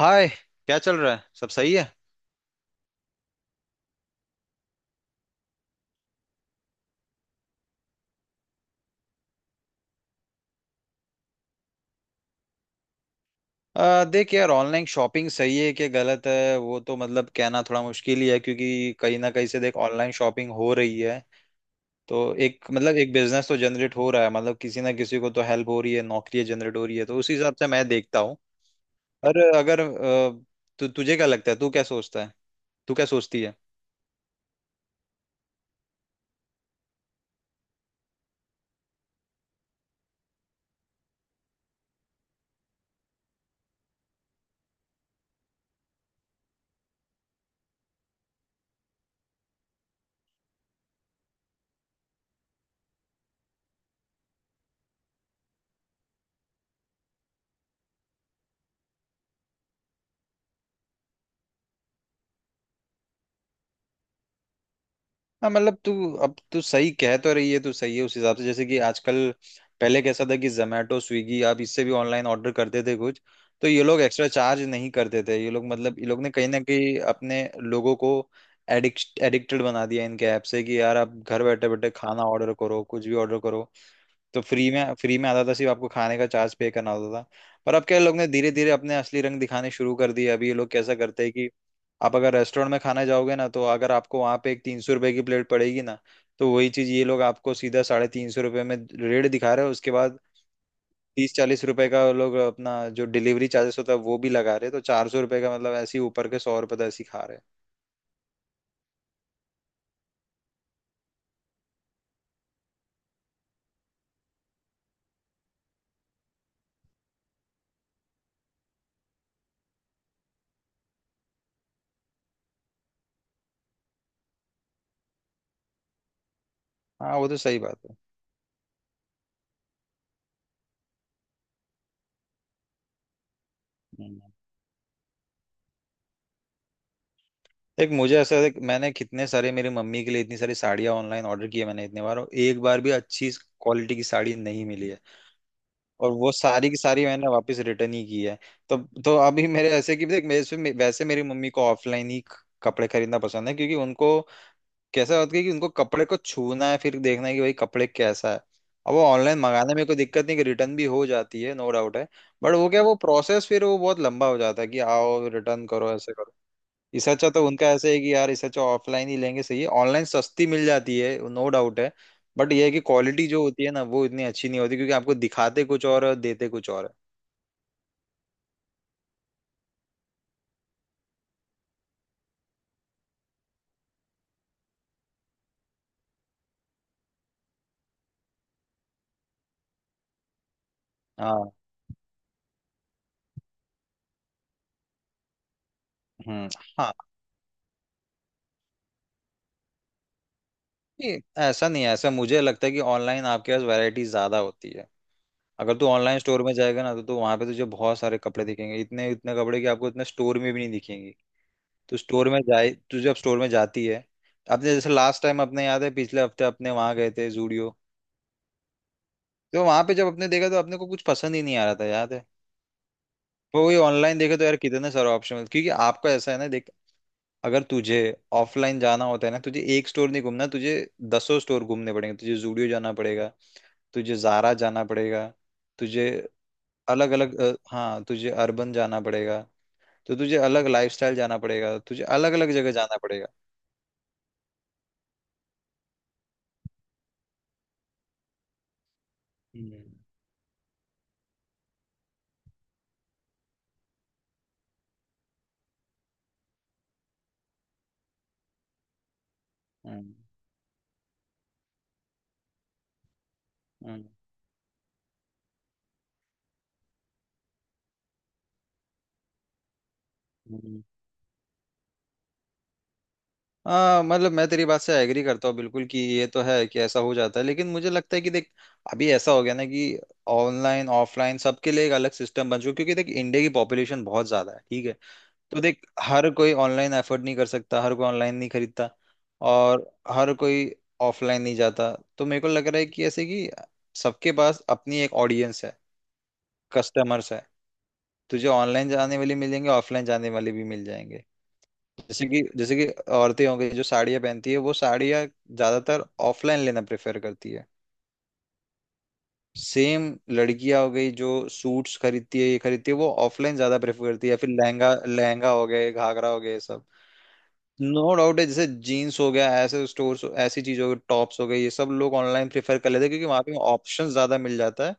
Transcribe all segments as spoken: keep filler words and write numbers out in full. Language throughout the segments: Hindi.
हाय, क्या चल रहा है? सब सही है? आ, देख यार, ऑनलाइन शॉपिंग सही है कि गलत है वो तो मतलब कहना थोड़ा मुश्किल ही है, क्योंकि कहीं ना कहीं से देख ऑनलाइन शॉपिंग हो रही है। तो एक मतलब एक बिजनेस तो जनरेट हो रहा है, मतलब किसी ना किसी को तो हेल्प हो रही है, नौकरियां जनरेट हो रही है, तो उसी हिसाब से मैं देखता हूँ। पर अगर अ, तु, तुझे क्या लगता है? तू क्या सोचता है? तू क्या सोचती है? हाँ मतलब तू, अब तू सही कह तो रही है, तू सही है उस हिसाब से। जैसे कि आजकल पहले कैसा था कि जोमेटो, स्विगी, आप इससे भी ऑनलाइन ऑर्डर करते थे कुछ, तो ये लोग एक्स्ट्रा चार्ज नहीं करते थे। ये लोग मतलब ये लोग ने कहीं ना कहीं अपने लोगों को एडिक्ट एडिक्टेड बना दिया इनके ऐप से कि यार आप घर बैठे बैठे खाना ऑर्डर करो, कुछ भी ऑर्डर करो, तो फ्री में फ्री में आता था, सिर्फ आपको खाने का चार्ज पे करना होता था। पर अब क्या लोग ने धीरे धीरे अपने असली रंग दिखाने शुरू कर दिए। अभी ये लोग कैसा करते हैं कि आप अगर रेस्टोरेंट में खाना जाओगे ना, तो अगर आपको वहां पे एक तीन सौ रुपए की प्लेट पड़ेगी ना, तो वही चीज ये लोग आपको सीधा साढ़े तीन सौ रुपये में रेट दिखा रहे हैं। उसके बाद तीस चालीस रुपए का वो लोग अपना जो डिलीवरी चार्जेस होता है वो भी लगा रहे हैं, तो चार सौ रुपए का, मतलब ऐसे ही ऊपर के सौ रुपए तो ऐसे ही खा रहे हैं। हाँ वो तो सही बात है। एक मुझे ऐसा है कि मैंने कितने सारे, मेरी मम्मी के लिए इतनी सारी साड़ियाँ ऑनलाइन ऑर्डर की है मैंने, इतने बार, और एक बार भी अच्छी क्वालिटी की साड़ी नहीं मिली है, और वो सारी की सारी मैंने वापस रिटर्न ही की है। तो तो अभी मेरे ऐसे कि देख, मेरे से- वैसे मेरी मम्मी को ऑफलाइन ही कपड़े खरीदना पसंद है, क्योंकि उनको कैसा होता है कि उनको कपड़े को छूना है, फिर देखना है कि भाई कपड़े कैसा है। अब वो ऑनलाइन मंगाने में कोई दिक्कत नहीं कि रिटर्न भी हो जाती है, नो डाउट है, बट वो क्या, वो प्रोसेस फिर वो बहुत लंबा हो जाता है कि आओ रिटर्न करो, ऐसे करो। इस अच्छा तो उनका ऐसे है कि यार इस अच्छा ऑफलाइन ही लेंगे, सही है। ऑनलाइन सस्ती मिल जाती है नो डाउट है, बट ये है कि क्वालिटी जो होती है ना वो इतनी अच्छी नहीं होती, क्योंकि आपको दिखाते कुछ और और देते कुछ और है। हाँ। हम्म। हाँ। ये ऐसा नहीं है, ऐसा मुझे लगता है कि ऑनलाइन आपके पास वैरायटी ज्यादा होती है। अगर तू ऑनलाइन स्टोर में जाएगा ना, तो, तो वहां पे तुझे बहुत सारे कपड़े दिखेंगे, इतने इतने कपड़े कि आपको इतने स्टोर में भी नहीं दिखेंगे। तो स्टोर में जाए, तू जब स्टोर में जाती है, अपने जैसे लास्ट टाइम, अपने याद है पिछले हफ्ते अपने वहां गए थे जूडियो, तो वहां पे जब आपने देखा तो आपने को कुछ पसंद ही नहीं आ रहा था, याद है? वो वही ऑनलाइन देखे तो यार कितने सारे ऑप्शन, क्योंकि आपका ऐसा है ना देख, अगर तुझे ऑफलाइन जाना होता है ना, तुझे एक स्टोर नहीं घूमना, तुझे दसों स्टोर घूमने पड़ेंगे, तुझे जूडियो जाना पड़ेगा, तुझे जारा जाना पड़ेगा, तुझे अलग अलग, हाँ तुझे अर्बन जाना पड़ेगा, तो तुझे अलग लाइफस्टाइल जाना पड़ेगा, तुझे अलग अलग जगह जाना पड़ेगा। हम्म। हम्म। हम्म। हाँ मतलब मैं तेरी बात से एग्री करता हूँ बिल्कुल कि ये तो है कि ऐसा हो जाता है, लेकिन मुझे लगता है कि देख, अभी ऐसा हो गया ना कि ऑनलाइन ऑफलाइन सबके लिए एक अलग सिस्टम बन चुका है, क्योंकि देख इंडिया की पॉपुलेशन बहुत ज्यादा है, ठीक है? तो देख हर कोई ऑनलाइन एफर्ट नहीं कर सकता, हर कोई ऑनलाइन नहीं खरीदता, और हर कोई ऑफलाइन नहीं जाता। तो मेरे को लग रहा है कि ऐसे कि सबके पास अपनी एक ऑडियंस है, कस्टमर्स है, तुझे ऑनलाइन जाने वाले मिलेंगे, ऑफलाइन जाने वाले भी मिल जाएंगे। जैसे कि जैसे कि औरतें हो गई जो साड़ियाँ पहनती है, वो साड़ियाँ ज्यादातर ऑफलाइन लेना प्रेफर करती है। सेम लड़कियां हो गई जो सूट्स खरीदती है, ये खरीदती है, वो ऑफलाइन ज्यादा प्रेफर करती है, या फिर लहंगा लहंगा हो गए, घाघरा हो गए ये सब। नो डाउट है, जैसे जीन्स हो गया, ऐसे स्टोर्स, ऐसी चीज हो गई, टॉप्स हो गई, ये सब लोग ऑनलाइन प्रेफर कर लेते हैं, क्योंकि वहां पे ऑप्शन ज्यादा मिल जाता है।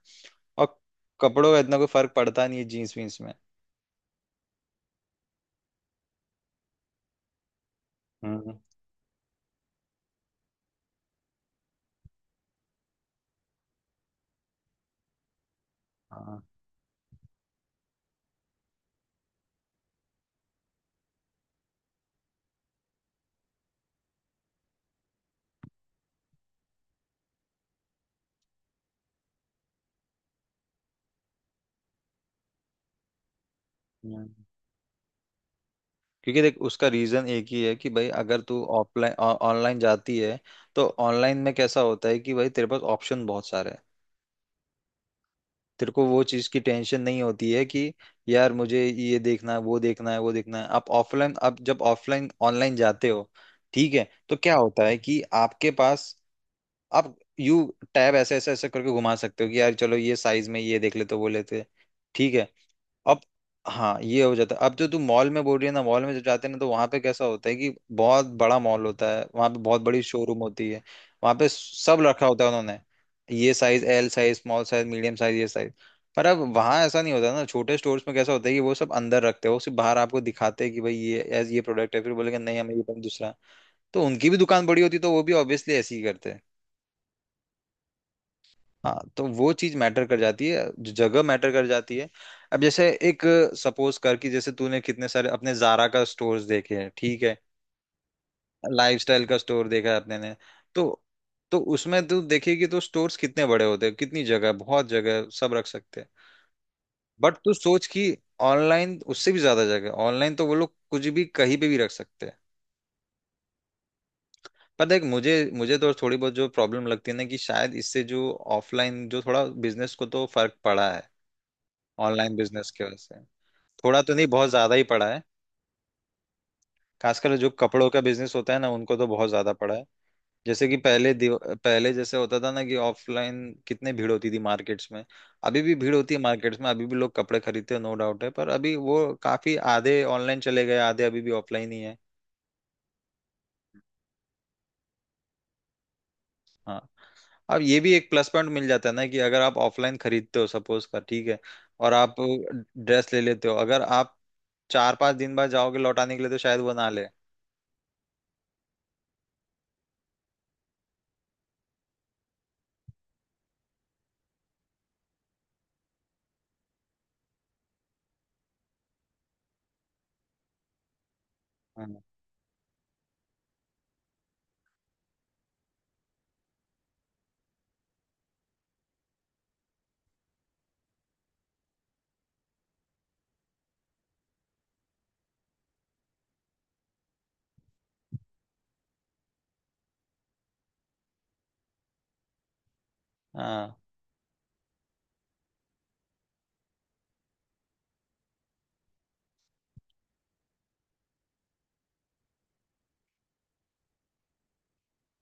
और कपड़ों का इतना कोई फर्क पड़ता नहीं है जीन्स वीन्स में। हम्म। हाँ। हम्म। क्योंकि देख उसका रीजन एक ही है कि भाई अगर तू ऑफलाइन ऑनलाइन जाती है, तो ऑनलाइन में कैसा होता है कि भाई तेरे पास ऑप्शन बहुत सारे हैं। तेरे को वो चीज की टेंशन नहीं होती है कि यार मुझे ये देखना है, वो देखना है, वो देखना है। आप ऑफलाइन, आप जब ऑफलाइन ऑनलाइन जाते हो, ठीक है, तो क्या होता है कि आपके पास, आप यू टैब ऐसे ऐसे ऐसे करके घुमा सकते हो कि यार चलो ये साइज में ये देख लेते हो, वो लेते हैं। ठीक है। अब हाँ, ये हो जाता है। अब जो तू मॉल में बोल रही है ना, मॉल में जब जाते हैं ना तो वहां पे कैसा होता है कि बहुत बड़ा मॉल होता है, वहां पे बहुत बड़ी शोरूम होती है, वहां पे सब रखा होता है उन्होंने, ये size, L size, small size, medium size, ये साइज। पर अब वहां ऐसा नहीं होता ना, छोटे स्टोर्स में कैसा होता है कि वो सब अंदर रखते हैं, वो सिर्फ बाहर आपको दिखाते हैं कि भाई ये ये प्रोडक्ट है, फिर बोलेंगे नहीं हमें ये पसंद दूसरा। तो उनकी भी दुकान बड़ी होती तो वो भी ऑब्वियसली ऐसे ही करते हैं। हाँ तो वो चीज मैटर कर जाती है, जो जगह मैटर कर जाती है। अब जैसे एक सपोज कर कि जैसे तूने कितने सारे अपने जारा का स्टोर्स देखे हैं, ठीक है, लाइफस्टाइल का स्टोर देखा है अपने ने, तो तो उसमें तू देखेगी तो स्टोर्स कितने बड़े होते हैं, कितनी जगह है, बहुत जगह है, सब रख सकते हैं। बट तू सोच कि ऑनलाइन उससे भी ज्यादा जगह है, ऑनलाइन तो वो लोग कुछ भी कहीं पे भी रख सकते हैं। पर देख मुझे मुझे तो थोड़ी बहुत जो प्रॉब्लम लगती है ना कि शायद इससे जो ऑफलाइन, जो थोड़ा बिजनेस को तो फर्क पड़ा है ऑनलाइन बिजनेस की वजह से। थोड़ा तो नहीं, बहुत ज्यादा ही पड़ा है, खासकर जो कपड़ों का बिजनेस होता है ना, उनको तो बहुत ज्यादा पड़ा है। जैसे कि पहले दिव- पहले जैसे होता था ना कि ऑफलाइन कितनी भीड़ होती थी मार्केट्स में, अभी भी भीड़ होती है मार्केट्स में, अभी भी लोग कपड़े खरीदते हैं नो डाउट है, पर अभी वो काफी आधे ऑनलाइन चले गए, आधे अभी भी ऑफलाइन ही है। हाँ। अब ये भी एक प्लस पॉइंट मिल जाता है ना कि अगर आप ऑफलाइन खरीदते हो, सपोज कर ठीक है, और आप ड्रेस ले लेते हो, अगर आप चार पांच दिन बाद जाओगे लौटाने के लिए तो शायद वो ना ले। हाँ। हाँ।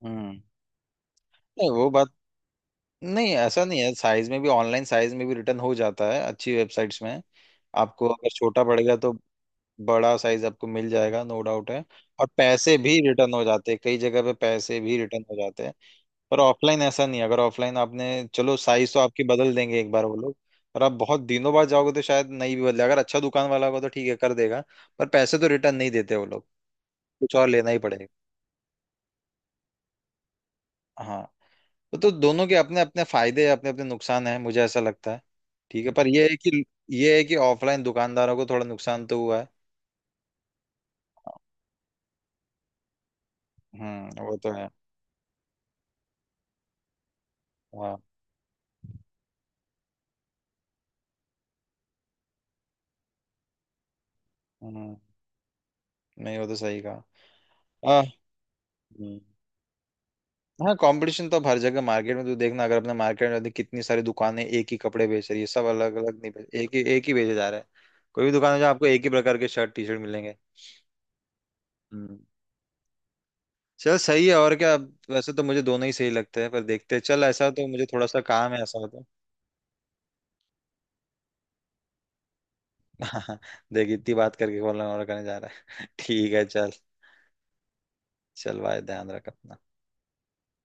हम्म। नहीं, वो बात नहीं, ऐसा नहीं है। साइज में भी ऑनलाइन, साइज में भी रिटर्न हो जाता है अच्छी वेबसाइट्स में। आपको अगर छोटा पड़ेगा तो बड़ा साइज आपको मिल जाएगा, नो डाउट है, और पैसे भी रिटर्न हो जाते हैं, कई जगह पे पैसे भी रिटर्न हो जाते हैं। पर ऑफलाइन ऐसा नहीं है। अगर ऑफलाइन आपने, चलो साइज तो आपकी बदल देंगे एक बार वो लोग, पर आप बहुत दिनों बाद जाओगे तो शायद नहीं भी बदले, अगर अच्छा दुकान वाला होगा तो ठीक है कर देगा, पर पैसे तो रिटर्न नहीं देते वो लोग, कुछ और लेना ही पड़ेगा। हाँ। वो तो दोनों के अपने अपने फायदे हैं, अपने अपने नुकसान हैं, मुझे ऐसा लगता है। ठीक है, पर ये है कि, ये है कि ऑफलाइन दुकानदारों को थोड़ा नुकसान तो हुआ है। हम्म वो तो है। हाँ। हम्म। नहीं, वो तो सही कहा। आ, हम्म। हाँ, कंपटीशन तो अब हर जगह, मार्केट में तू देखना, अगर अपने मार्केट में देख, कितनी सारी दुकानें एक ही कपड़े बेच रही है, सब अलग अलग नहीं बेच, एक ही एक ही बेचे जा रहा है। कोई भी दुकान है जहाँ आपको एक ही प्रकार के शर्ट टी शर्ट मिलेंगे। हम्म। चल सही है, और क्या। वैसे तो मुझे दोनों ही सही लगते हैं, पर देखते हैं, चल ऐसा तो मुझे थोड़ा सा काम है, ऐसा तो। देख इतनी बात करके कॉल नंबर करने जा रहा है। ठीक है चल। चल भाई ध्यान रख अपना।